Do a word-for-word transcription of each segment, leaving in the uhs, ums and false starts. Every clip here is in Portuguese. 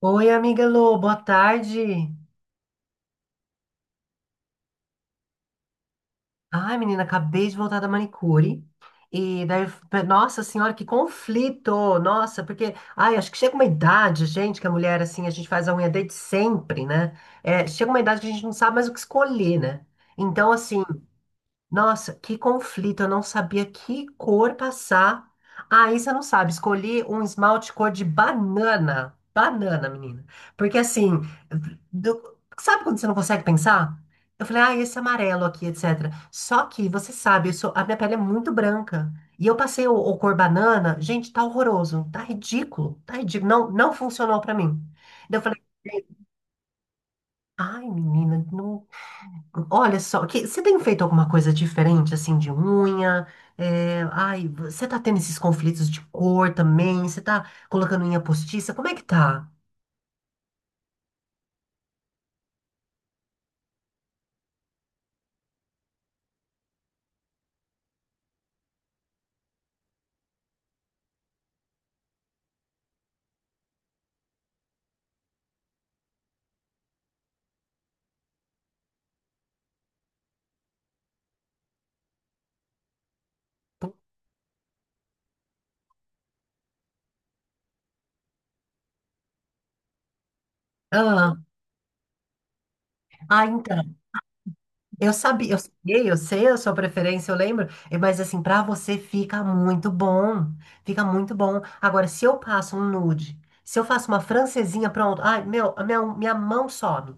Oi, amiga Lu, boa tarde. Ai, menina, acabei de voltar da manicure. E daí, nossa senhora, que conflito! Nossa, porque, ai, acho que chega uma idade, gente, que a mulher, assim, a gente faz a unha desde sempre, né? É, chega uma idade que a gente não sabe mais o que escolher, né? Então, assim, nossa, que conflito, eu não sabia que cor passar. Aí você não sabe, escolhi um esmalte cor de banana. Banana, menina. Porque assim, do- sabe quando você não consegue pensar? Eu falei, ah, esse amarelo aqui, etcétera. Só que você sabe, eu sou- a minha pele é muito branca. E eu passei o, o cor banana, gente, tá horroroso, tá ridículo, tá ridículo. Não, não funcionou pra mim. Daí eu falei, ai, menina, não. Olha só, que, você tem feito alguma coisa diferente, assim, de unha? É, ai, você tá tendo esses conflitos de cor também? Você tá colocando unha postiça? Como é que tá? Ah, ah, então, eu sabia, eu sei, eu sei a sua preferência, eu lembro, eh, mas assim, pra você fica muito bom, fica muito bom. Agora, se eu passo um nude, se eu faço uma francesinha, pronto, ai, meu, a minha, minha mão sobe.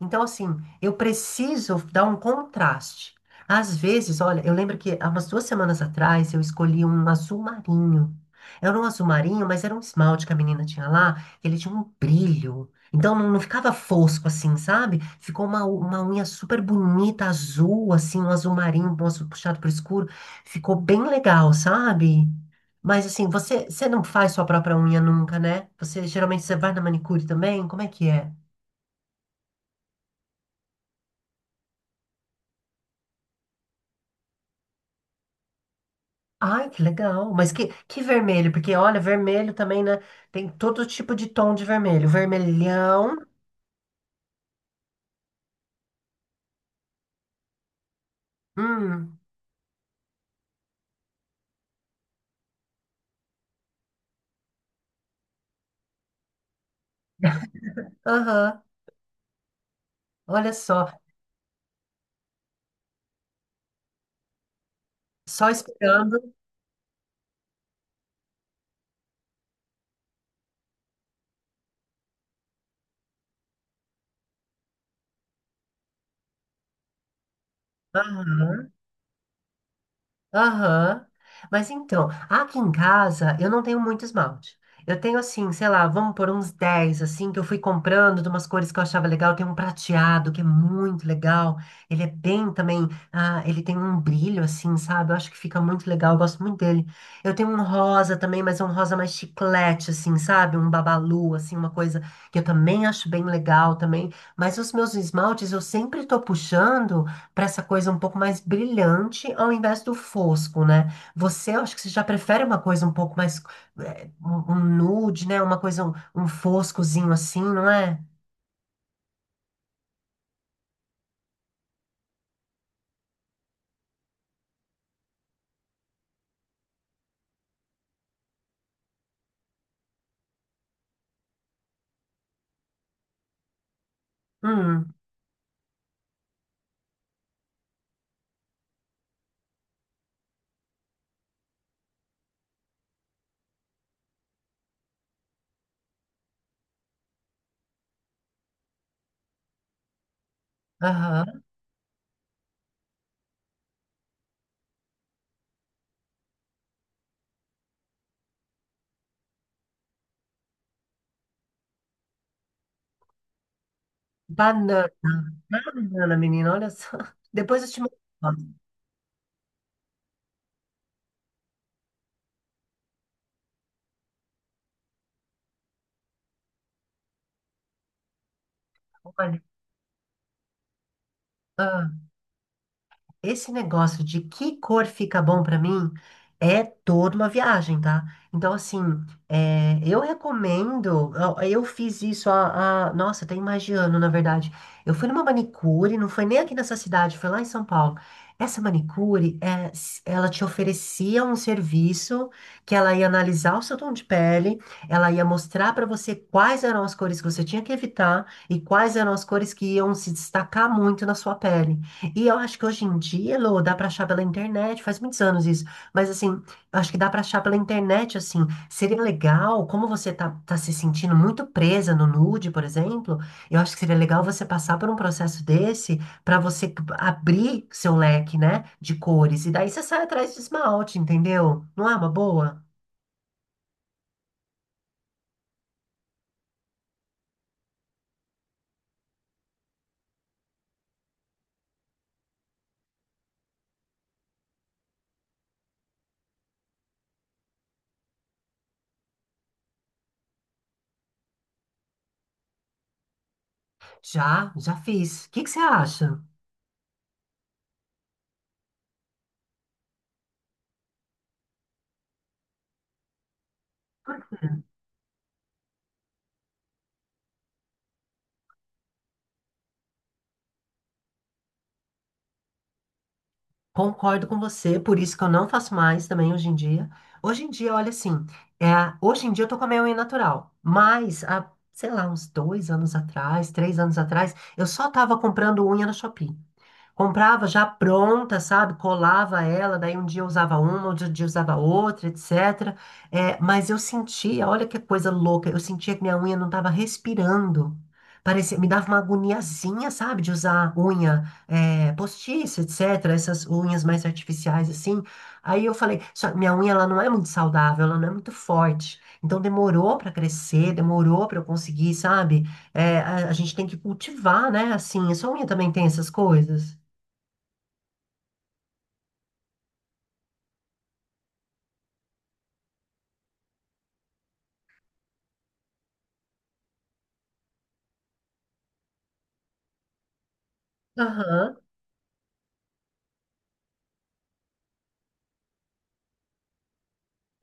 Então, assim, eu preciso dar um contraste. Às vezes, olha, eu lembro que há umas duas semanas atrás eu escolhi um azul marinho. Era um azul marinho, mas era um esmalte que a menina tinha lá, que ele tinha um brilho. Então não, não ficava fosco assim, sabe? Ficou uma, u- uma unha super bonita, azul, assim, um azul marinho, um azul puxado pro escuro. Ficou bem legal, sabe? Mas assim, você, você não faz sua própria unha nunca, né? Você geralmente você vai na manicure também? Como é que é? Ai, que legal. Mas que, que vermelho, porque olha, vermelho também, né? Tem todo tipo de tom de vermelho. Vermelhão. Hum, aham. Olha só. Só esperando. Aham. Aham. Mas então, aqui em casa eu não tenho muito esmalte. Eu tenho assim, sei lá, vamos por uns dez assim, que eu fui comprando de umas cores que eu achava legal. Tem um prateado que é muito legal. Ele é bem também, ah, ele tem um brilho assim, sabe? Eu acho que fica muito legal, eu gosto muito dele. Eu tenho um rosa também, mas é um rosa mais chiclete, assim, sabe? Um babalu, assim, uma coisa que eu também acho bem legal também. Mas os meus esmaltes eu sempre tô puxando para essa coisa um pouco mais brilhante ao invés do fosco, né? Você, eu acho que você já prefere uma coisa um pouco mais eh, um, um nude, né? Uma coisa um, um foscozinho assim, não é? Hum, aham. Banana, banana, menina, olha só. Depois eu te mando. Olha. Esse negócio de que cor fica bom pra mim é toda uma viagem, tá? Então, assim, é, eu recomendo. Eu eu fiz isso. há, há- Nossa, tem mais de ano, na verdade. Eu fui numa manicure, não foi nem aqui nessa cidade, foi lá em São Paulo. Essa manicure, é, s- ela te oferecia um serviço que ela ia analisar o seu tom de pele, ela ia mostrar pra você quais eram as cores que você tinha que evitar e quais eram as cores que iam se destacar muito na sua pele. E eu acho que hoje em dia, Lô, dá pra achar pela internet, faz muitos anos isso, mas assim, eu acho que dá pra achar pela internet, assim, seria legal, como você tá, tá se sentindo muito presa no nude, por exemplo, eu acho que seria legal você passar por um processo desse pra você abrir seu leque, né, de cores, e daí você sai atrás de esmalte, entendeu? Não é uma boa? Já, já fiz. O que que você acha? Concordo com você, por isso que eu não faço mais também hoje em dia. Hoje em dia, olha assim, é, hoje em dia eu tô com a minha unha natural, mas há, sei lá, uns dois anos atrás, três anos atrás, eu só tava comprando unha no Shopee. Comprava já pronta, sabe? Colava ela, daí um dia eu usava uma, outro dia eu usava outra, etcétera. É, mas eu sentia, olha que coisa louca, eu sentia que minha unha não estava respirando. Parecia, me dava uma agoniazinha, sabe? De usar unha é, postiça, etcétera. Essas unhas mais artificiais, assim. Aí eu falei, só, minha unha ela não é muito saudável, ela não é muito forte. Então demorou para crescer, demorou para eu conseguir, sabe? É, a, a gente tem que cultivar, né? Assim, a sua unha também tem essas coisas. Aham,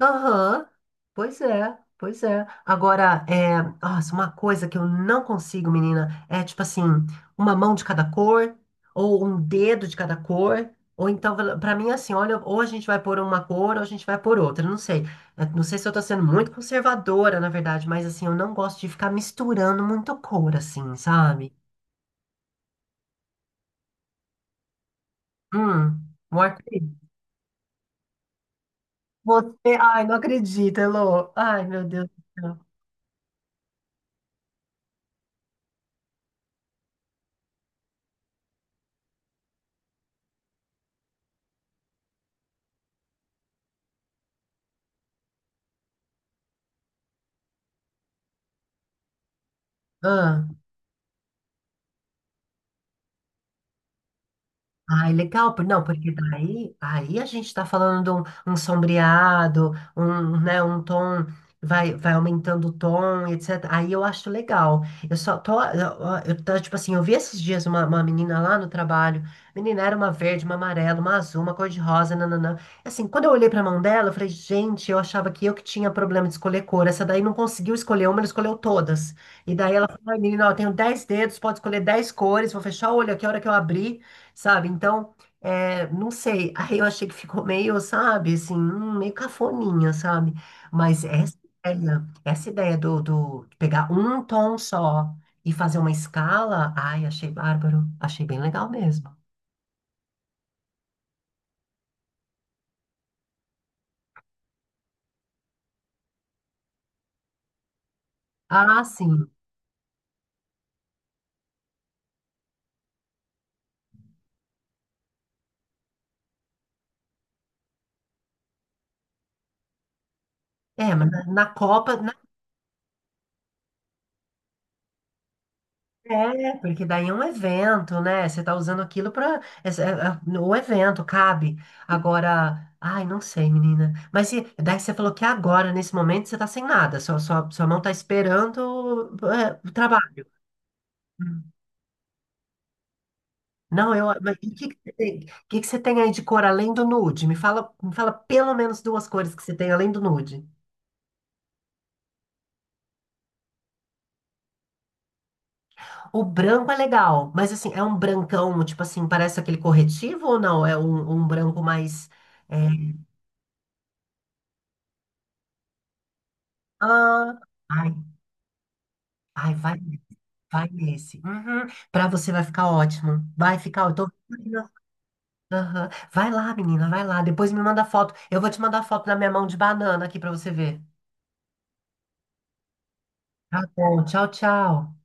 aham. Pois é, pois é. Agora, é, nossa, uma coisa que eu não consigo, menina, é tipo assim, uma mão de cada cor, ou um dedo de cada cor, ou então, pra mim, é assim, olha, ou a gente vai por uma cor, ou a gente vai por outra, não sei. É, não sei se eu tô sendo muito conservadora, na verdade, mas assim, eu não gosto de ficar misturando muito cor, assim, sabe? Hum, um arco-íris. Você, ai, não acredito, Elô. Ai, meu Deus do céu. Ah. Ai, legal, por- não, porque daí, aí a gente está falando de um, um sombreado, um, né, um tom, vai, vai aumentando o tom, etcétera. Aí eu acho legal. Eu só tô, eu, eu tô, tipo assim, eu vi esses dias uma, uma menina lá no trabalho, menina era uma verde, uma amarela, uma azul, uma cor de rosa, nananã. Assim, quando eu olhei pra mão dela, eu falei, gente, eu achava que eu que tinha problema de escolher cor, essa daí não conseguiu escolher uma, ela escolheu todas. E daí ela falou, ai, menina, ó, eu tenho dez dedos, pode escolher dez cores, vou fechar o olho aqui a hora que eu abrir sabe? Então, é, não sei. Aí eu achei que ficou meio, sabe, assim, hum, meio cafoninha, sabe? Mas essa ideia, essa ideia do, do de pegar um tom só e fazer uma escala, ai, achei bárbaro, achei bem legal mesmo. Ah, sim. É, mas na na Copa. É, porque daí é um evento, né? Você tá usando aquilo para o evento, cabe. Agora, ai, não sei, menina. Mas se, Daí você falou que agora, nesse momento, você tá sem nada. Sua, sua, sua mão tá esperando é, o trabalho. Hum. Não, eu. Mas o que que você tem, o que que você tem aí de cor além do nude? Me fala, me fala pelo menos duas cores que você tem além do nude. O branco é legal, mas assim, é um brancão, tipo assim, parece aquele corretivo ou não? É um, um, branco mais. É, ah, ai, ai, vai, vai nesse. Uhum. Pra você vai ficar ótimo. Vai ficar, eu tô... Aham. Vai lá, menina, vai lá. Depois me manda foto. Eu vou te mandar foto da minha mão de banana aqui pra você ver. Tá bom, tchau, tchau.